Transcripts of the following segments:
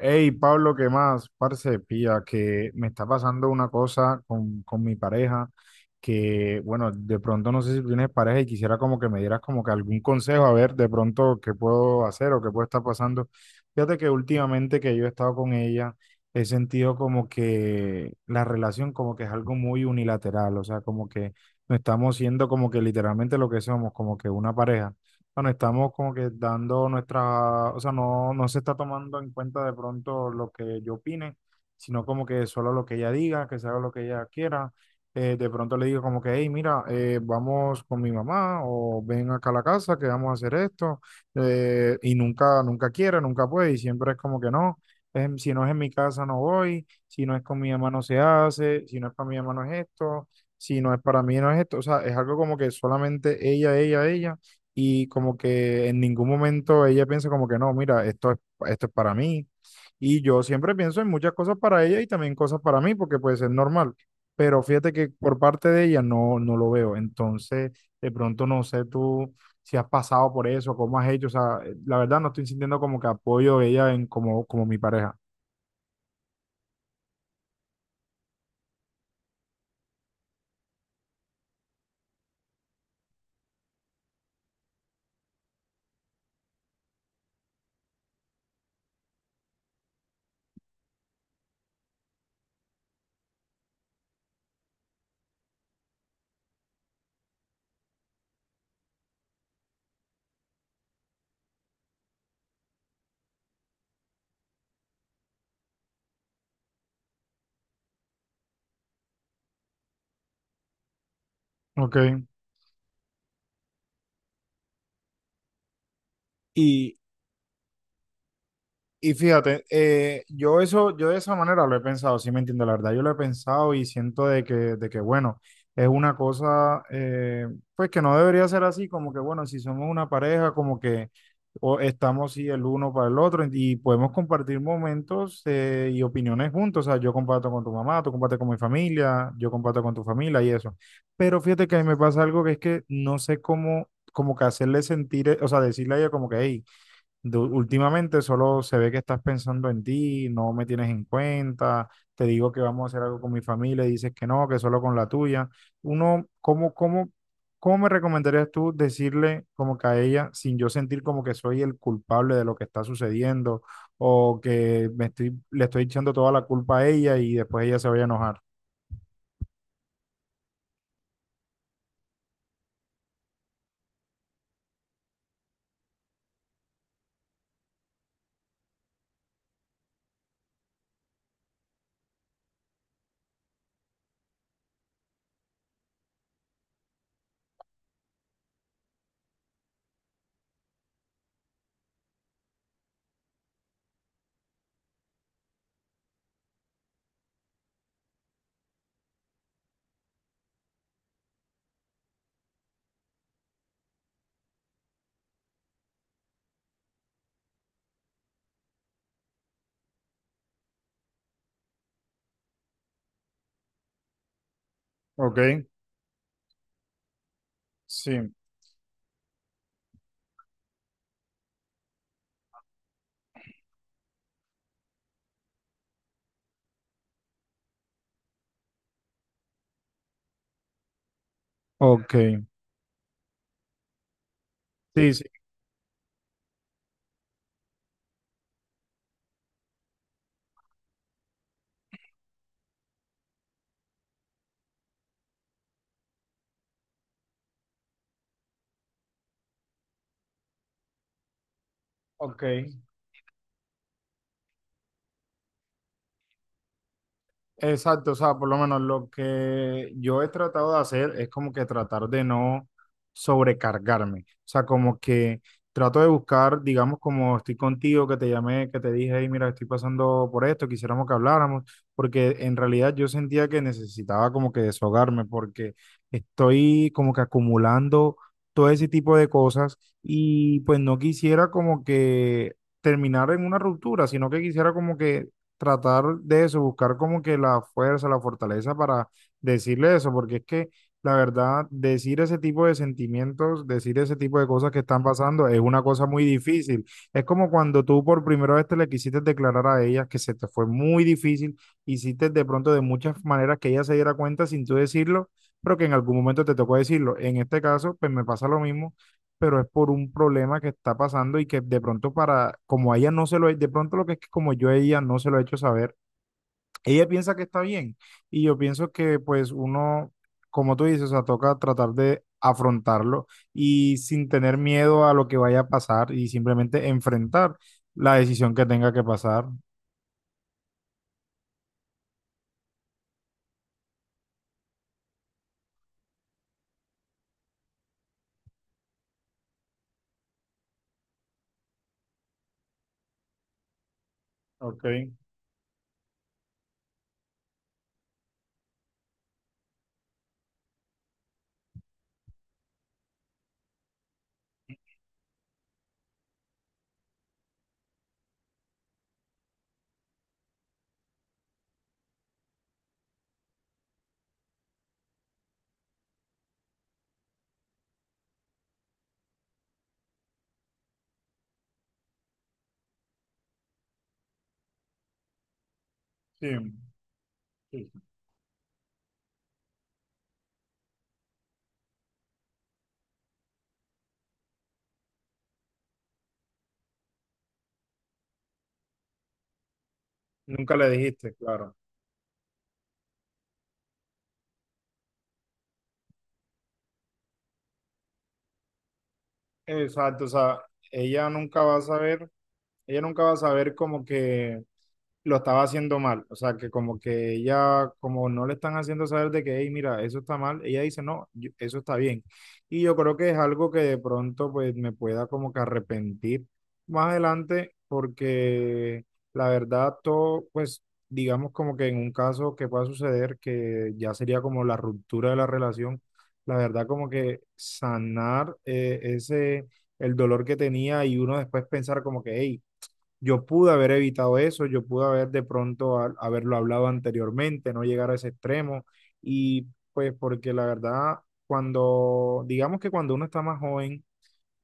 Hey, Pablo, ¿qué más? Parce, pilla, que me está pasando una cosa con mi pareja que, bueno, de pronto no sé si tú tienes pareja y quisiera como que me dieras como que algún consejo, a ver, de pronto qué puedo hacer o qué puede estar pasando. Fíjate que últimamente que yo he estado con ella, he sentido como que la relación como que es algo muy unilateral, o sea, como que no estamos siendo como que literalmente lo que somos, como que una pareja. Bueno, estamos como que dando nuestra, o sea, no se está tomando en cuenta de pronto lo que yo opine, sino como que solo lo que ella diga, que se haga lo que ella quiera. De pronto le digo como que, hey, mira, vamos con mi mamá o ven acá a la casa que vamos a hacer esto. Y nunca, nunca quiere, nunca puede, y siempre es como que no. Si no es en mi casa no voy, si no es con mi mamá no se hace, si no es para mi mamá no es esto, si no es para mí no es esto. O sea, es algo como que solamente ella y como que en ningún momento ella piensa como que no, mira, esto es para mí. Y yo siempre pienso en muchas cosas para ella y también cosas para mí, porque pues es normal. Pero fíjate que por parte de ella no lo veo. Entonces, de pronto no sé tú si has pasado por eso, cómo has hecho. O sea, la verdad no estoy sintiendo como que apoyo de ella en como mi pareja. Ok. Y fíjate, yo eso, yo de esa manera lo he pensado, sí me entiendo, la verdad, yo lo he pensado y siento de que bueno, es una cosa, pues que no debería ser así, como que bueno, si somos una pareja, como que o estamos sí el uno para el otro y podemos compartir momentos y opiniones juntos, o sea, yo comparto con tu mamá, tú compartes con mi familia, yo comparto con tu familia y eso. Pero fíjate que a mí me pasa algo que es que no sé cómo, como que hacerle sentir, o sea, decirle a ella como que, hey, últimamente solo se ve que estás pensando en ti, no me tienes en cuenta, te digo que vamos a hacer algo con mi familia y dices que no, que solo con la tuya. Uno, ¿ cómo me recomendarías tú decirle como que a ella sin yo sentir como que soy el culpable de lo que está sucediendo o que me le estoy echando toda la culpa a ella y después ella se vaya a enojar? Ok, sí. Ok, sí, sí, ok. Exacto, o sea, por lo menos lo que yo he tratado de hacer es como que tratar de no sobrecargarme, o sea, como que trato de buscar, digamos, como estoy contigo, que te llamé, que te dije, hey, mira, estoy pasando por esto, quisiéramos que habláramos, porque en realidad yo sentía que necesitaba como que deshogarme, porque estoy como que acumulando todo ese tipo de cosas y pues no quisiera como que terminar en una ruptura, sino que quisiera como que tratar de eso, buscar como que la fuerza, la fortaleza para decirle eso, porque es que la verdad, decir ese tipo de sentimientos, decir ese tipo de cosas que están pasando es una cosa muy difícil. Es como cuando tú por primera vez te le quisiste declarar a ella que se te fue muy difícil, hiciste de pronto de muchas maneras que ella se diera cuenta sin tú decirlo, pero que en algún momento te tocó decirlo. En este caso, pues me pasa lo mismo pero es por un problema que está pasando y que de pronto para, como a ella no se lo, de pronto lo que es que como yo a ella no se lo he hecho saber, ella piensa que está bien y yo pienso que pues uno, como tú dices, o sea, toca tratar de afrontarlo y sin tener miedo a lo que vaya a pasar y simplemente enfrentar la decisión que tenga que pasar. Ok, sí, sí. Nunca le dijiste, claro. Exacto, o sea, ella nunca va a saber, ella nunca va a saber como que lo estaba haciendo mal. O sea, que como que ella, como no le están haciendo saber de que, hey, mira, eso está mal, ella dice, no, yo- eso está bien. Y yo creo que es algo que de pronto pues me pueda como que arrepentir más adelante porque la verdad todo, pues digamos como que en un caso que pueda suceder, que ya sería como la ruptura de la relación, la verdad como que sanar ese, el dolor que tenía y uno después pensar como que, hey, yo pude haber evitado eso, yo pude haber de pronto haberlo hablado anteriormente, no llegar a ese extremo. Y pues porque la verdad, cuando, digamos que cuando uno está más joven,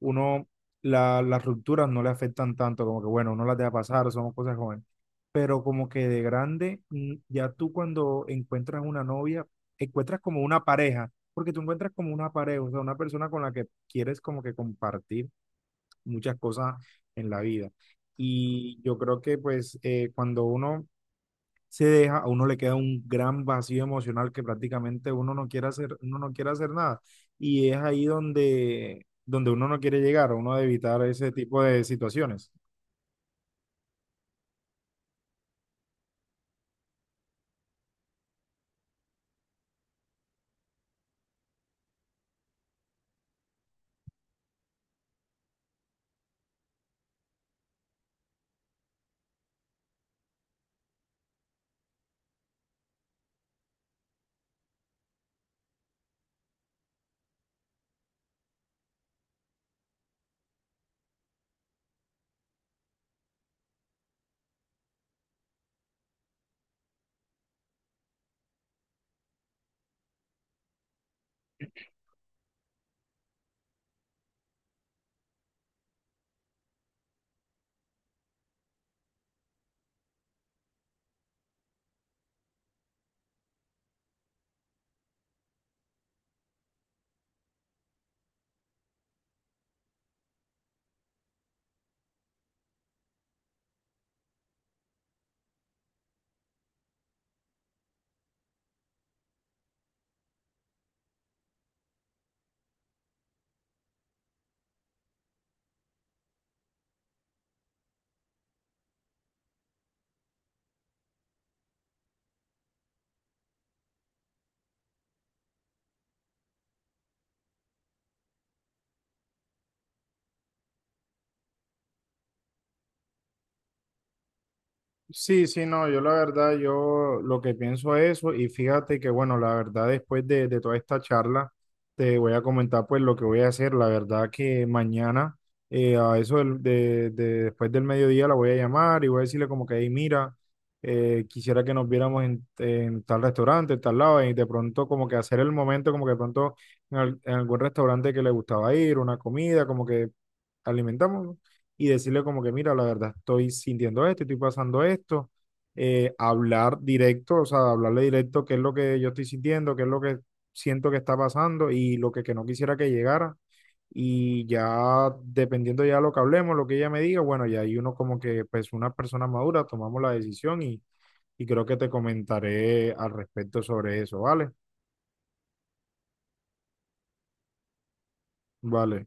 uno, las rupturas no le afectan tanto, como que bueno, uno las deja pasar, somos cosas jóvenes. Pero como que de grande, ya tú cuando encuentras una novia, encuentras como una pareja, porque tú encuentras como una pareja, o sea, una persona con la que quieres como que compartir muchas cosas en la vida. Y yo creo que pues cuando uno se deja, a uno le queda un gran vacío emocional que prácticamente uno no quiere hacer, uno no quiere hacer nada. Y es ahí donde uno no quiere llegar, uno debe evitar ese tipo de situaciones. Sí, no, yo la verdad, yo lo que pienso es eso y fíjate que bueno, la verdad después de toda esta charla te voy a comentar pues lo que voy a hacer, la verdad que mañana a eso después del mediodía la voy a llamar y voy a decirle como que ahí mira, quisiera que nos viéramos en tal restaurante, en tal lado y de pronto como que hacer el momento como que de pronto en algún restaurante que le gustaba ir, una comida, como que alimentamos y decirle como que, mira, la verdad, estoy sintiendo esto, estoy pasando esto, hablar directo, o sea, hablarle directo qué es lo que yo estoy sintiendo, qué es lo que siento que está pasando y lo que no quisiera que llegara. Y ya dependiendo ya lo que hablemos, lo que ella me diga, bueno, ya hay uno como que, pues una persona madura, tomamos la decisión y creo que te comentaré al respecto sobre eso, ¿vale? Vale.